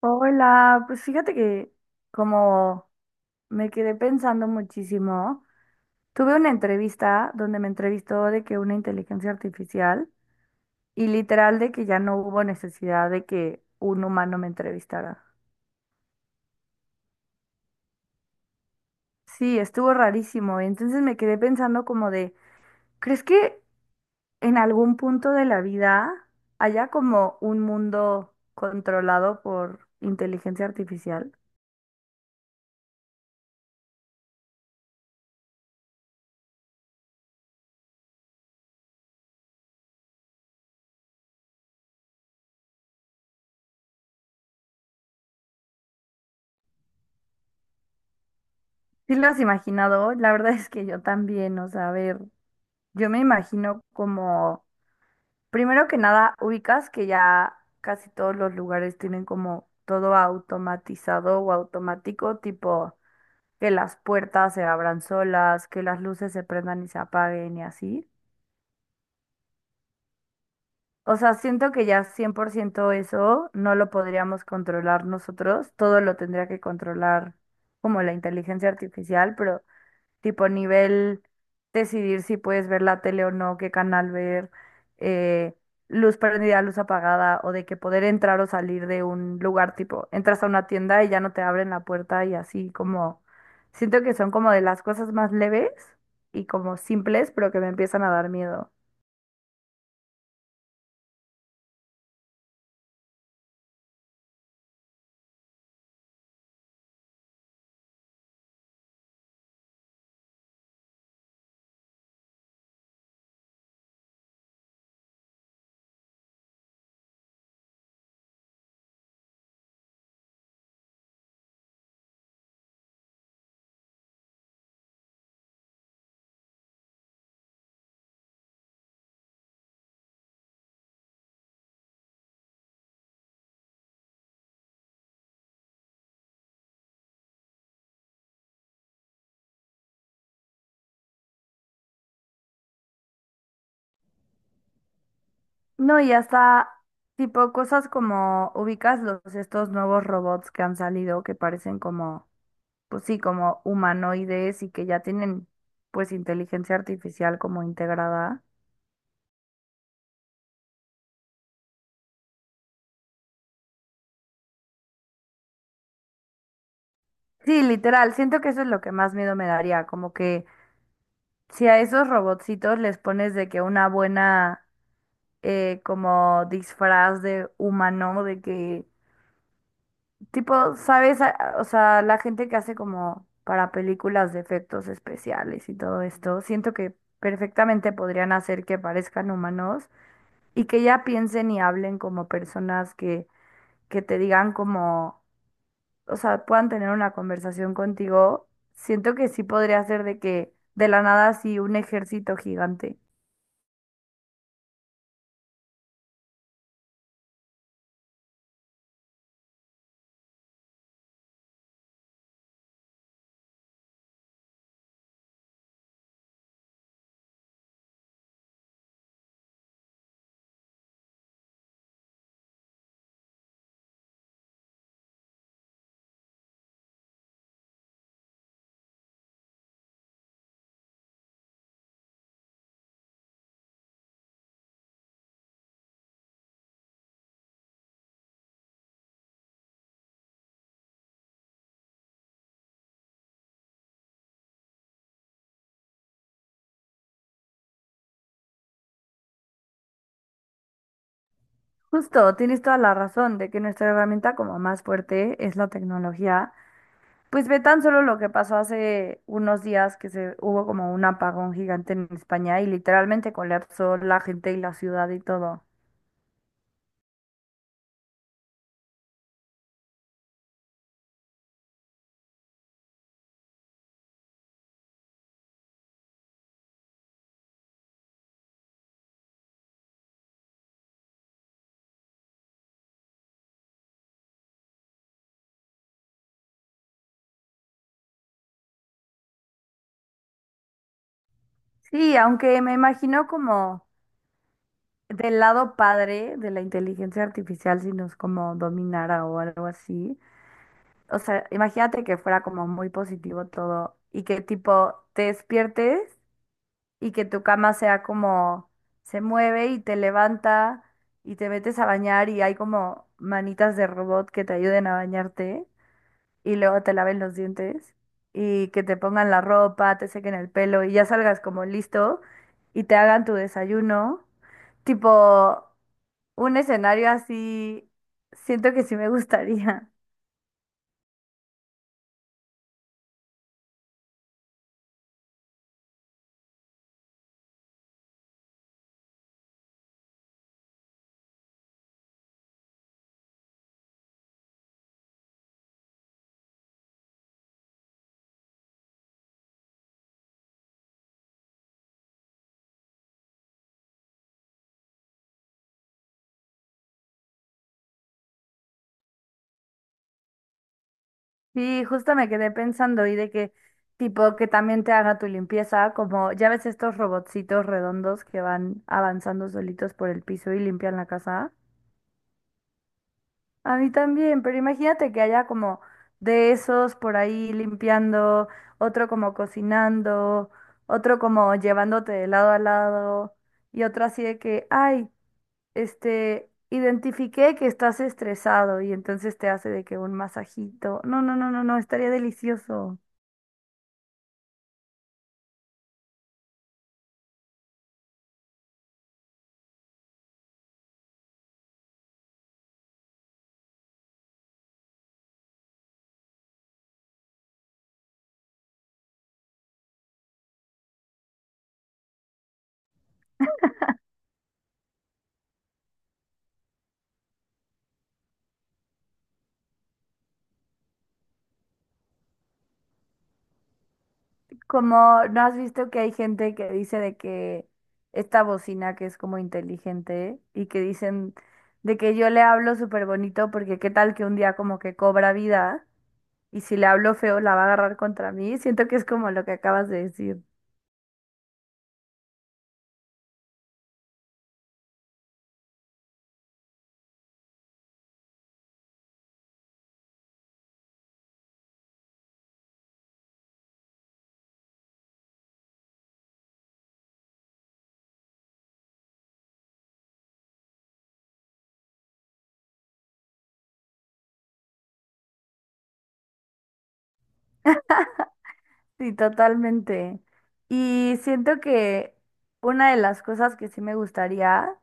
Hola, pues fíjate que como me quedé pensando muchísimo, tuve una entrevista donde me entrevistó de que una inteligencia artificial y literal de que ya no hubo necesidad de que un humano me entrevistara. Sí, estuvo rarísimo. Entonces me quedé pensando como de, ¿crees que en algún punto de la vida haya como un mundo controlado por inteligencia artificial? Sí lo has imaginado, la verdad es que yo también, o sea, a ver. Yo me imagino como, primero que nada, ubicas que ya casi todos los lugares tienen como todo automatizado o automático, tipo que las puertas se abran solas, que las luces se prendan y se apaguen y así. O sea, siento que ya 100% eso no lo podríamos controlar nosotros, todo lo tendría que controlar como la inteligencia artificial, pero tipo nivel decidir si puedes ver la tele o no, qué canal ver, eh, luz prendida, luz apagada, o de que poder entrar o salir de un lugar, tipo, entras a una tienda y ya no te abren la puerta y así como, siento que son como de las cosas más leves y como simples, pero que me empiezan a dar miedo. No, y hasta... Tipo cosas como ubicas los estos nuevos robots que han salido que parecen como pues sí, como humanoides y que ya tienen pues inteligencia artificial como integrada. Sí, literal, siento que eso es lo que más miedo me daría, como que si a esos robotcitos les pones de que una buena como disfraz de humano, de que tipo, ¿sabes? O sea, la gente que hace como para películas de efectos especiales y todo esto, siento que perfectamente podrían hacer que parezcan humanos y que ya piensen y hablen como personas que te digan como, o sea, puedan tener una conversación contigo, siento que sí podría ser de que de la nada así un ejército gigante. Justo, tienes toda la razón de que nuestra herramienta como más fuerte es la tecnología. Pues ve tan solo lo que pasó hace unos días que se hubo como un apagón gigante en España y literalmente colapsó la gente y la ciudad y todo. Sí, aunque me imagino como del lado padre de la inteligencia artificial si nos como dominara o algo así. O sea, imagínate que fuera como muy positivo todo y que tipo te despiertes y que tu cama sea como se mueve y te levanta y te metes a bañar y hay como manitas de robot que te ayuden a bañarte y luego te laven los dientes y que te pongan la ropa, te sequen el pelo y ya salgas como listo y te hagan tu desayuno. Tipo un escenario así, siento que sí me gustaría. Sí, justo me quedé pensando y de que tipo que también te haga tu limpieza, como ya ves estos robotcitos redondos que van avanzando solitos por el piso y limpian la casa. A mí también, pero imagínate que haya como de esos por ahí limpiando, otro como cocinando, otro como llevándote de lado a lado y otro así de que, ay, identifiqué que estás estresado y entonces te hace de que un masajito. No, no, no, no, no, estaría delicioso. Como no has visto que hay gente que dice de que esta bocina que es como inteligente y que dicen de que yo le hablo súper bonito porque qué tal que un día como que cobra vida y si le hablo feo la va a agarrar contra mí. Siento que es como lo que acabas de decir. Sí, totalmente. Y siento que una de las cosas que sí me gustaría,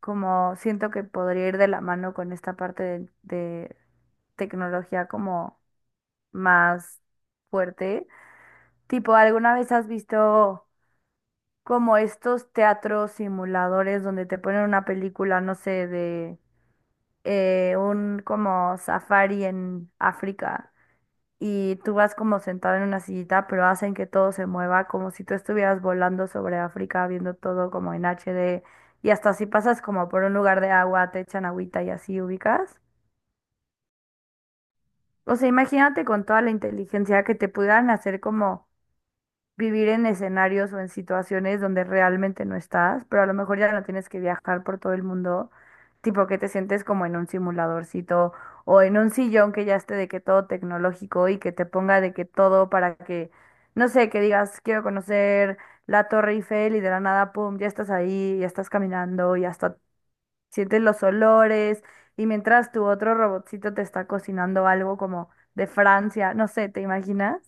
como siento que podría ir de la mano con esta parte de tecnología como más fuerte. Tipo, ¿alguna vez has visto como estos teatros simuladores donde te ponen una película, no sé, de un como safari en África y tú vas como sentado en una sillita, pero hacen que todo se mueva como si tú estuvieras volando sobre África, viendo todo como en HD y hasta si pasas como por un lugar de agua, te echan agüita y así ubicas? O sea, imagínate con toda la inteligencia que te pudieran hacer como vivir en escenarios o en situaciones donde realmente no estás, pero a lo mejor ya no tienes que viajar por todo el mundo, tipo que te sientes como en un simuladorcito o en un sillón que ya esté de que todo tecnológico y que te ponga de que todo para que, no sé, que digas, quiero conocer la Torre Eiffel y de la nada, pum, ya estás ahí, ya estás caminando y hasta sientes los olores y mientras tu otro robotcito te está cocinando algo como de Francia, no sé, ¿te imaginas?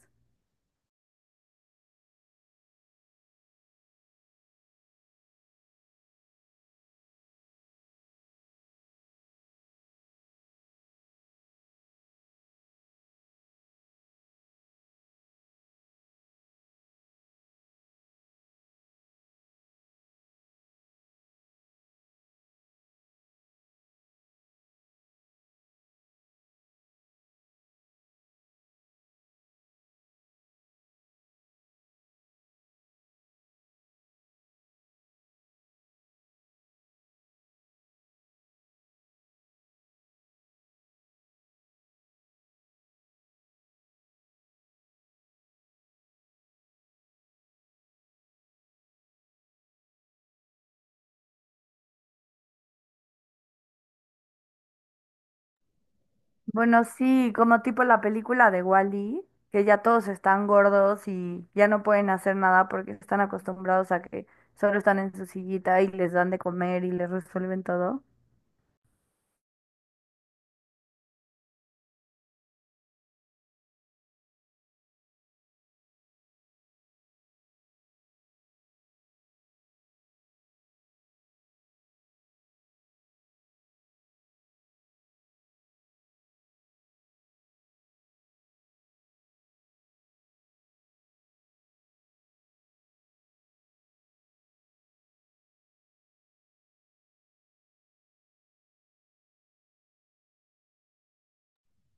Bueno, sí, como tipo la película de Wall-E que ya todos están gordos y ya no pueden hacer nada porque están acostumbrados a que solo están en su sillita y les dan de comer y les resuelven todo.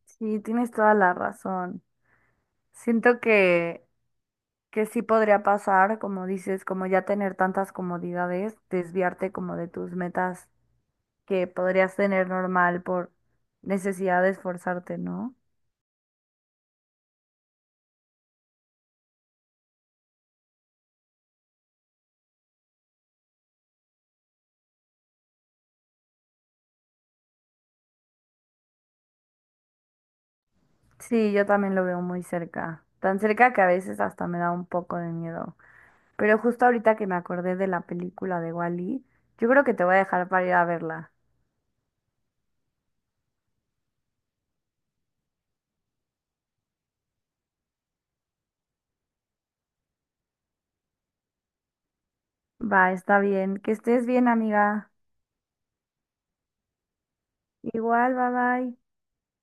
Sí, tienes toda la razón. Siento que sí podría pasar, como dices, como ya tener tantas comodidades, desviarte como de tus metas que podrías tener normal por necesidad de esforzarte, ¿no? Sí, yo también lo veo muy cerca, tan cerca que a veces hasta me da un poco de miedo. Pero justo ahorita que me acordé de la película de Wall-E, yo creo que te voy a dejar para ir a verla. Va, está bien. Que estés bien, amiga. Igual, bye bye.